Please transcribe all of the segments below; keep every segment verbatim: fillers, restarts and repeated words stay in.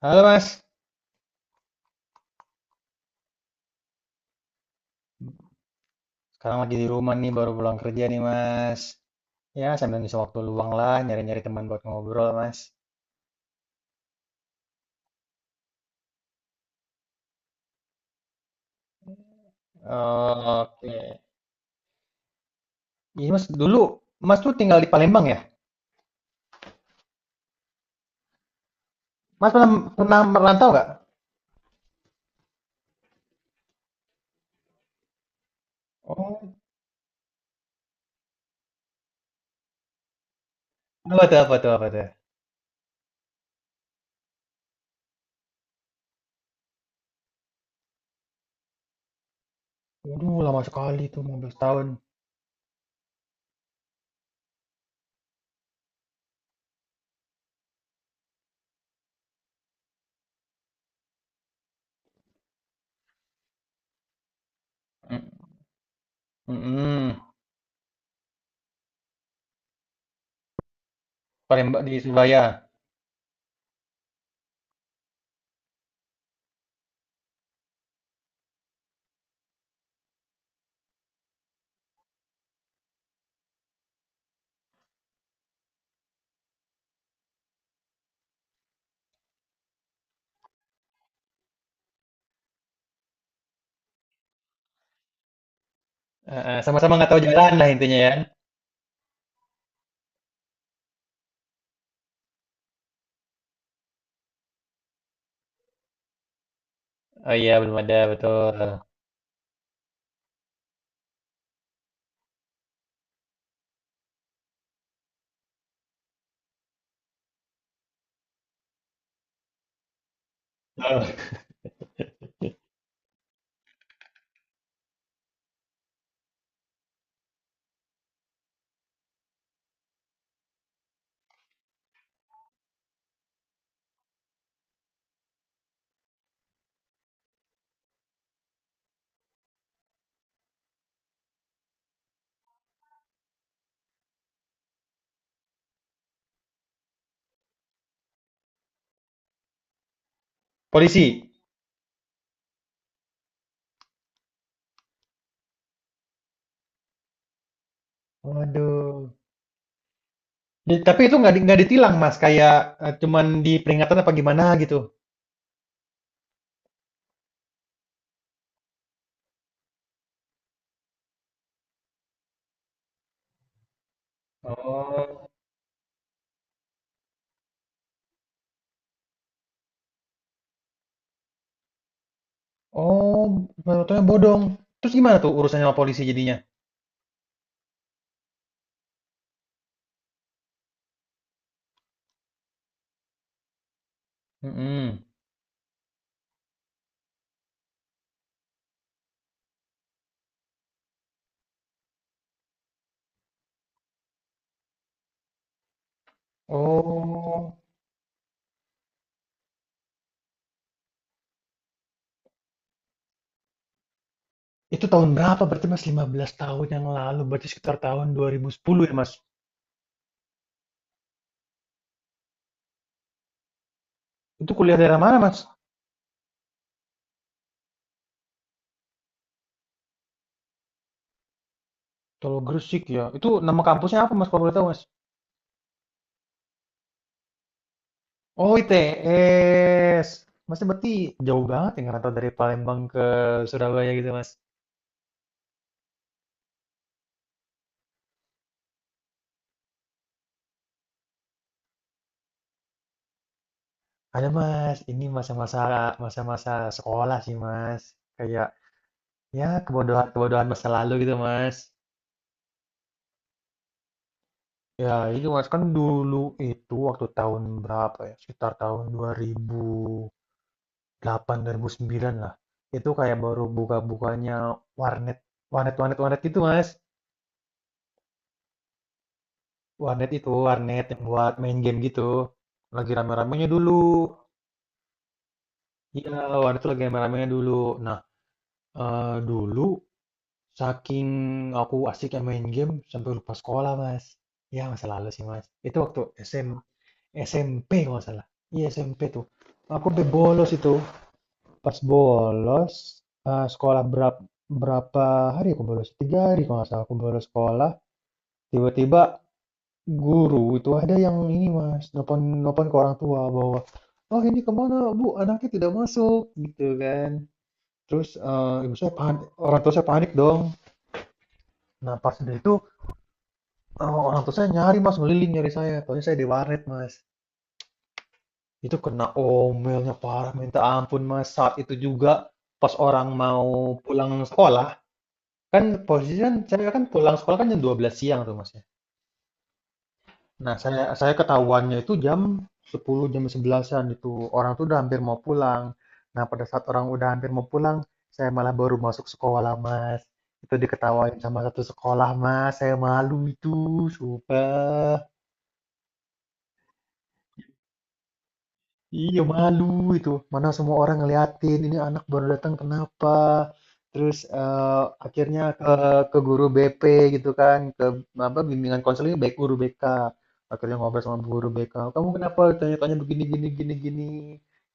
Halo Mas, sekarang lagi di rumah nih, baru pulang kerja nih Mas. Ya, sambil ngisi waktu luang lah, nyari-nyari teman buat ngobrol Mas. Oke. Ini Mas, dulu Mas tuh tinggal di Palembang ya? Mas pernah, pernah merantau nggak? Oh, apa tuh, apa tuh, apa tuh? Waduh, lama sekali tuh, lima belas tahun. Mm. Mm-mm. Palembang di Surabaya. Eh, eh, sama-sama nggak tahu jalan lah intinya ya. Oh iya, belum ada, betul. Oh, polisi. Waduh. Di tapi itu nggak di nggak ditilang, Mas, kayak, eee, cuman diperingatan apa gimana gitu? Oh. Oh, motornya bodong. Terus gimana tuh urusannya sama polisi jadinya? Mhm. Oh, itu tahun berapa berarti, Mas? Lima belas tahun yang lalu, berarti sekitar tahun dua ribu sepuluh ya, Mas? Itu kuliah daerah mana, Mas? Tol Gresik ya? Itu nama kampusnya apa, Mas, kalau boleh tahu, Mas? Oh, I T S. Masnya berarti jauh banget ya ngerantau dari Palembang ke Surabaya gitu, Mas? Ada Mas, ini masa-masa masa-masa sekolah sih Mas. Kayak ya kebodohan-kebodohan masa lalu gitu Mas. Ya itu Mas kan dulu itu waktu tahun berapa ya? Sekitar tahun dua ribu delapan dua ribu sembilan lah. Itu kayak baru buka-bukanya warnet. Warnet warnet warnet gitu Mas. Warnet itu warnet yang buat main game gitu. Lagi rame-ramenya dulu. Iya, warnet itu lagi rame-ramenya dulu. Nah, eh, dulu saking aku asik ya main game sampai lupa sekolah, Mas. Ya, masa lalu sih, Mas. Itu waktu SM, S M P kalau nggak salah. Iya, S M P tuh. Aku sampai bolos itu. Pas bolos, eh, sekolah berapa, berapa hari aku bolos? Tiga hari kalau nggak salah aku bolos sekolah. Tiba-tiba guru itu ada yang ini, Mas. Nelpon, nelpon ke orang tua bahwa, oh ini kemana, Bu? Anaknya tidak masuk, gitu kan. Terus eh, ibu saya panik, orang tua saya panik dong. Nah, pas dari itu. Oh, orang tua saya nyari mas, ngeliling nyari saya. Taunya saya di warnet mas. Itu kena omelnya parah, minta ampun mas. Saat itu juga pas orang mau pulang sekolah, kan posisi kan saya kan pulang sekolah kan jam dua belas siang tuh mas ya. Nah saya saya ketahuannya itu jam sepuluh jam sebelasan-an itu orang tuh udah hampir mau pulang. Nah pada saat orang udah hampir mau pulang, saya malah baru masuk sekolah mas. Itu diketawain sama satu sekolah mas, saya malu itu, sumpah. Iya malu itu. Mana semua orang ngeliatin, ini anak baru datang kenapa? Terus eh, akhirnya ke ke guru B P gitu kan, ke apa bimbingan konseling baik guru B K. Akhirnya ngobrol sama guru B K. Kamu kenapa tanya-tanya begini gini gini gini?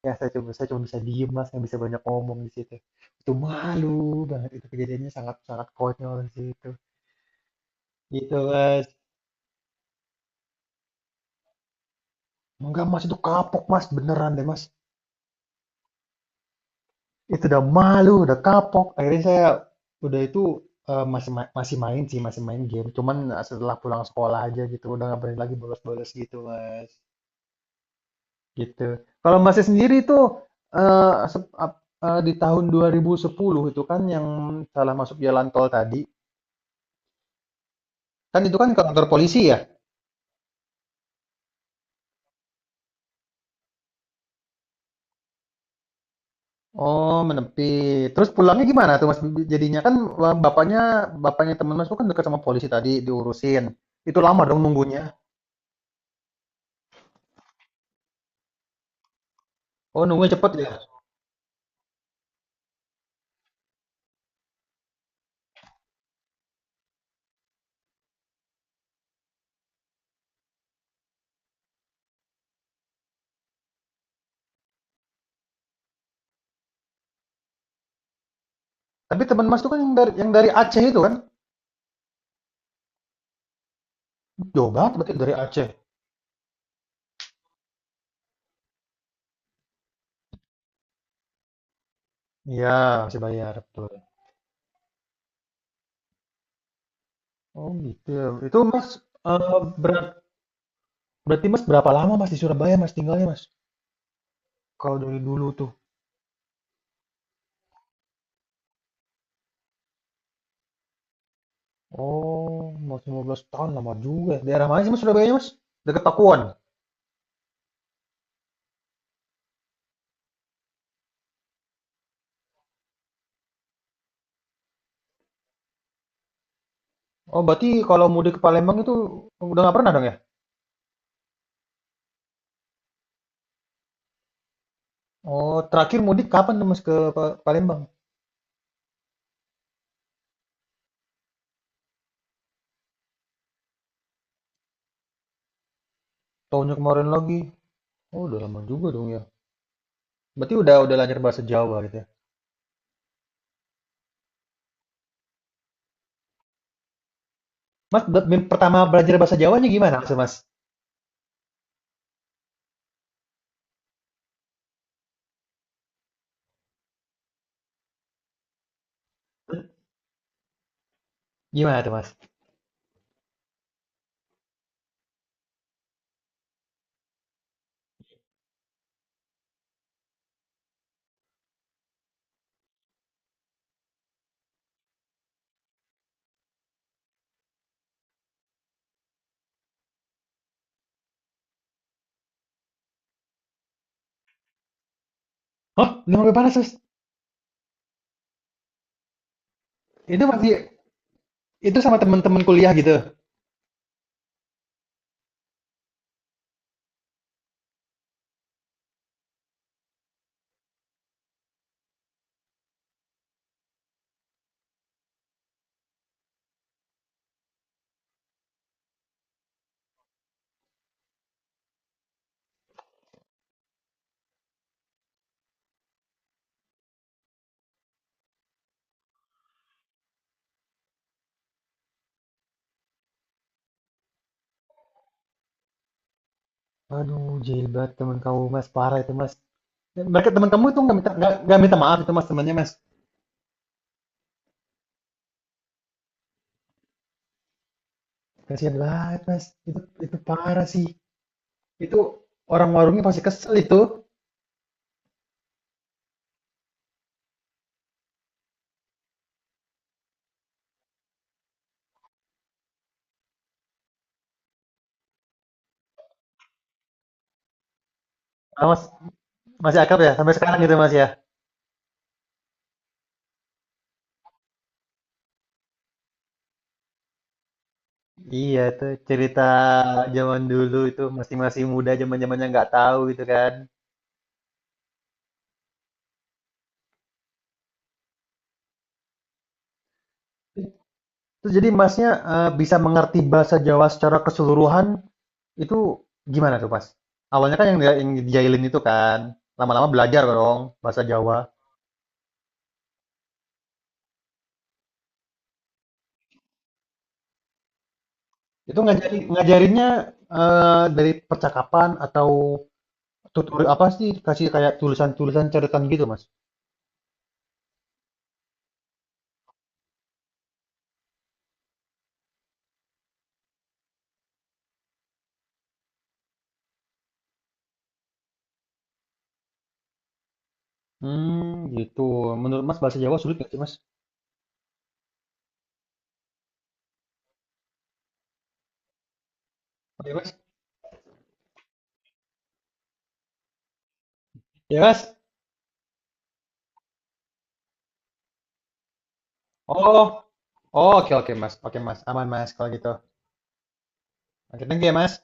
Ya saya coba saya cuma bisa diem mas, nggak bisa banyak ngomong di situ. Itu malu banget itu kejadiannya sangat sangat konyol di situ. Gitu mas. Enggak mas itu kapok mas beneran deh mas. Itu udah malu, udah kapok. Akhirnya saya udah itu eh, masih ma- masih main sih, masih main game. Cuman eh, setelah pulang sekolah aja gitu, udah nggak berani lagi bolos-bolos gitu, Mas. Gitu. Kalau Masnya sendiri itu eh, sep- ap- eh, di tahun dua ribu sepuluh itu kan yang salah masuk jalan tol tadi, kan itu kan ke kantor polisi ya? Oh, menepi. Terus pulangnya gimana tuh, Mas? Jadinya kan eh, bapaknya bapaknya teman Mas itu kan dekat sama polisi tadi diurusin. Itu lama dong nunggunya. Oh, nunggunya cepet ya? Tapi teman Mas itu kan yang dari yang dari Aceh itu kan? Jauh banget berarti dari Aceh. Iya, masih bayar, betul. Oh gitu. Itu Mas, eh, berat- berarti Mas berapa lama Mas di Surabaya Mas tinggalnya Mas? Kalau dari dulu tuh. Oh, Mas lima belas tahun lama juga. Daerah mana sih Mas Surabaya Mas? Dekat Pakuan. Oh, berarti kalau mudik ke Palembang itu udah nggak pernah dong ya? Oh, terakhir mudik kapan tuh Mas ke Pa- Palembang? Tahunnya kemarin lagi. Oh, udah lama juga dong ya. Berarti udah udah lancar bahasa Jawa gitu ya. Mas, buat mem- pertama belajar bahasa Jawanya gimana Mas? Mas? Gimana tuh Mas? Hah? Udah sampai mana Mas? Itu masih itu sama teman-teman kuliah gitu. Aduh, jahil banget teman kamu Mas, parah itu Mas. Mereka teman kamu itu nggak minta nggak nggak minta maaf itu Mas temannya Mas. Kasihan banget Mas. Itu itu parah sih. Itu orang warungnya pasti kesel itu. Ah, Mas masih akrab ya sampai sekarang gitu Mas ya. Iya itu cerita zaman dulu itu masih masih muda zaman-zamannya nggak tahu gitu kan. Terus jadi Masnya, eee, bisa mengerti bahasa Jawa secara keseluruhan itu gimana tuh, Mas? Awalnya kan yang dia yang dijailin itu kan, lama-lama belajar dong bahasa Jawa. Itu ngajarin ngajarinnya, eee, dari percakapan atau tutur apa sih, kasih kayak tulisan-tulisan catatan gitu, Mas? Hmm gitu. Menurut Mas bahasa Jawa sulit nggak sih, Mas? Oke, Mas. Ya, Mas? Oh. Oh, oke oke, Mas. Oke, Mas. Aman, Mas, kalau gitu. Oke, thank you ya, Mas.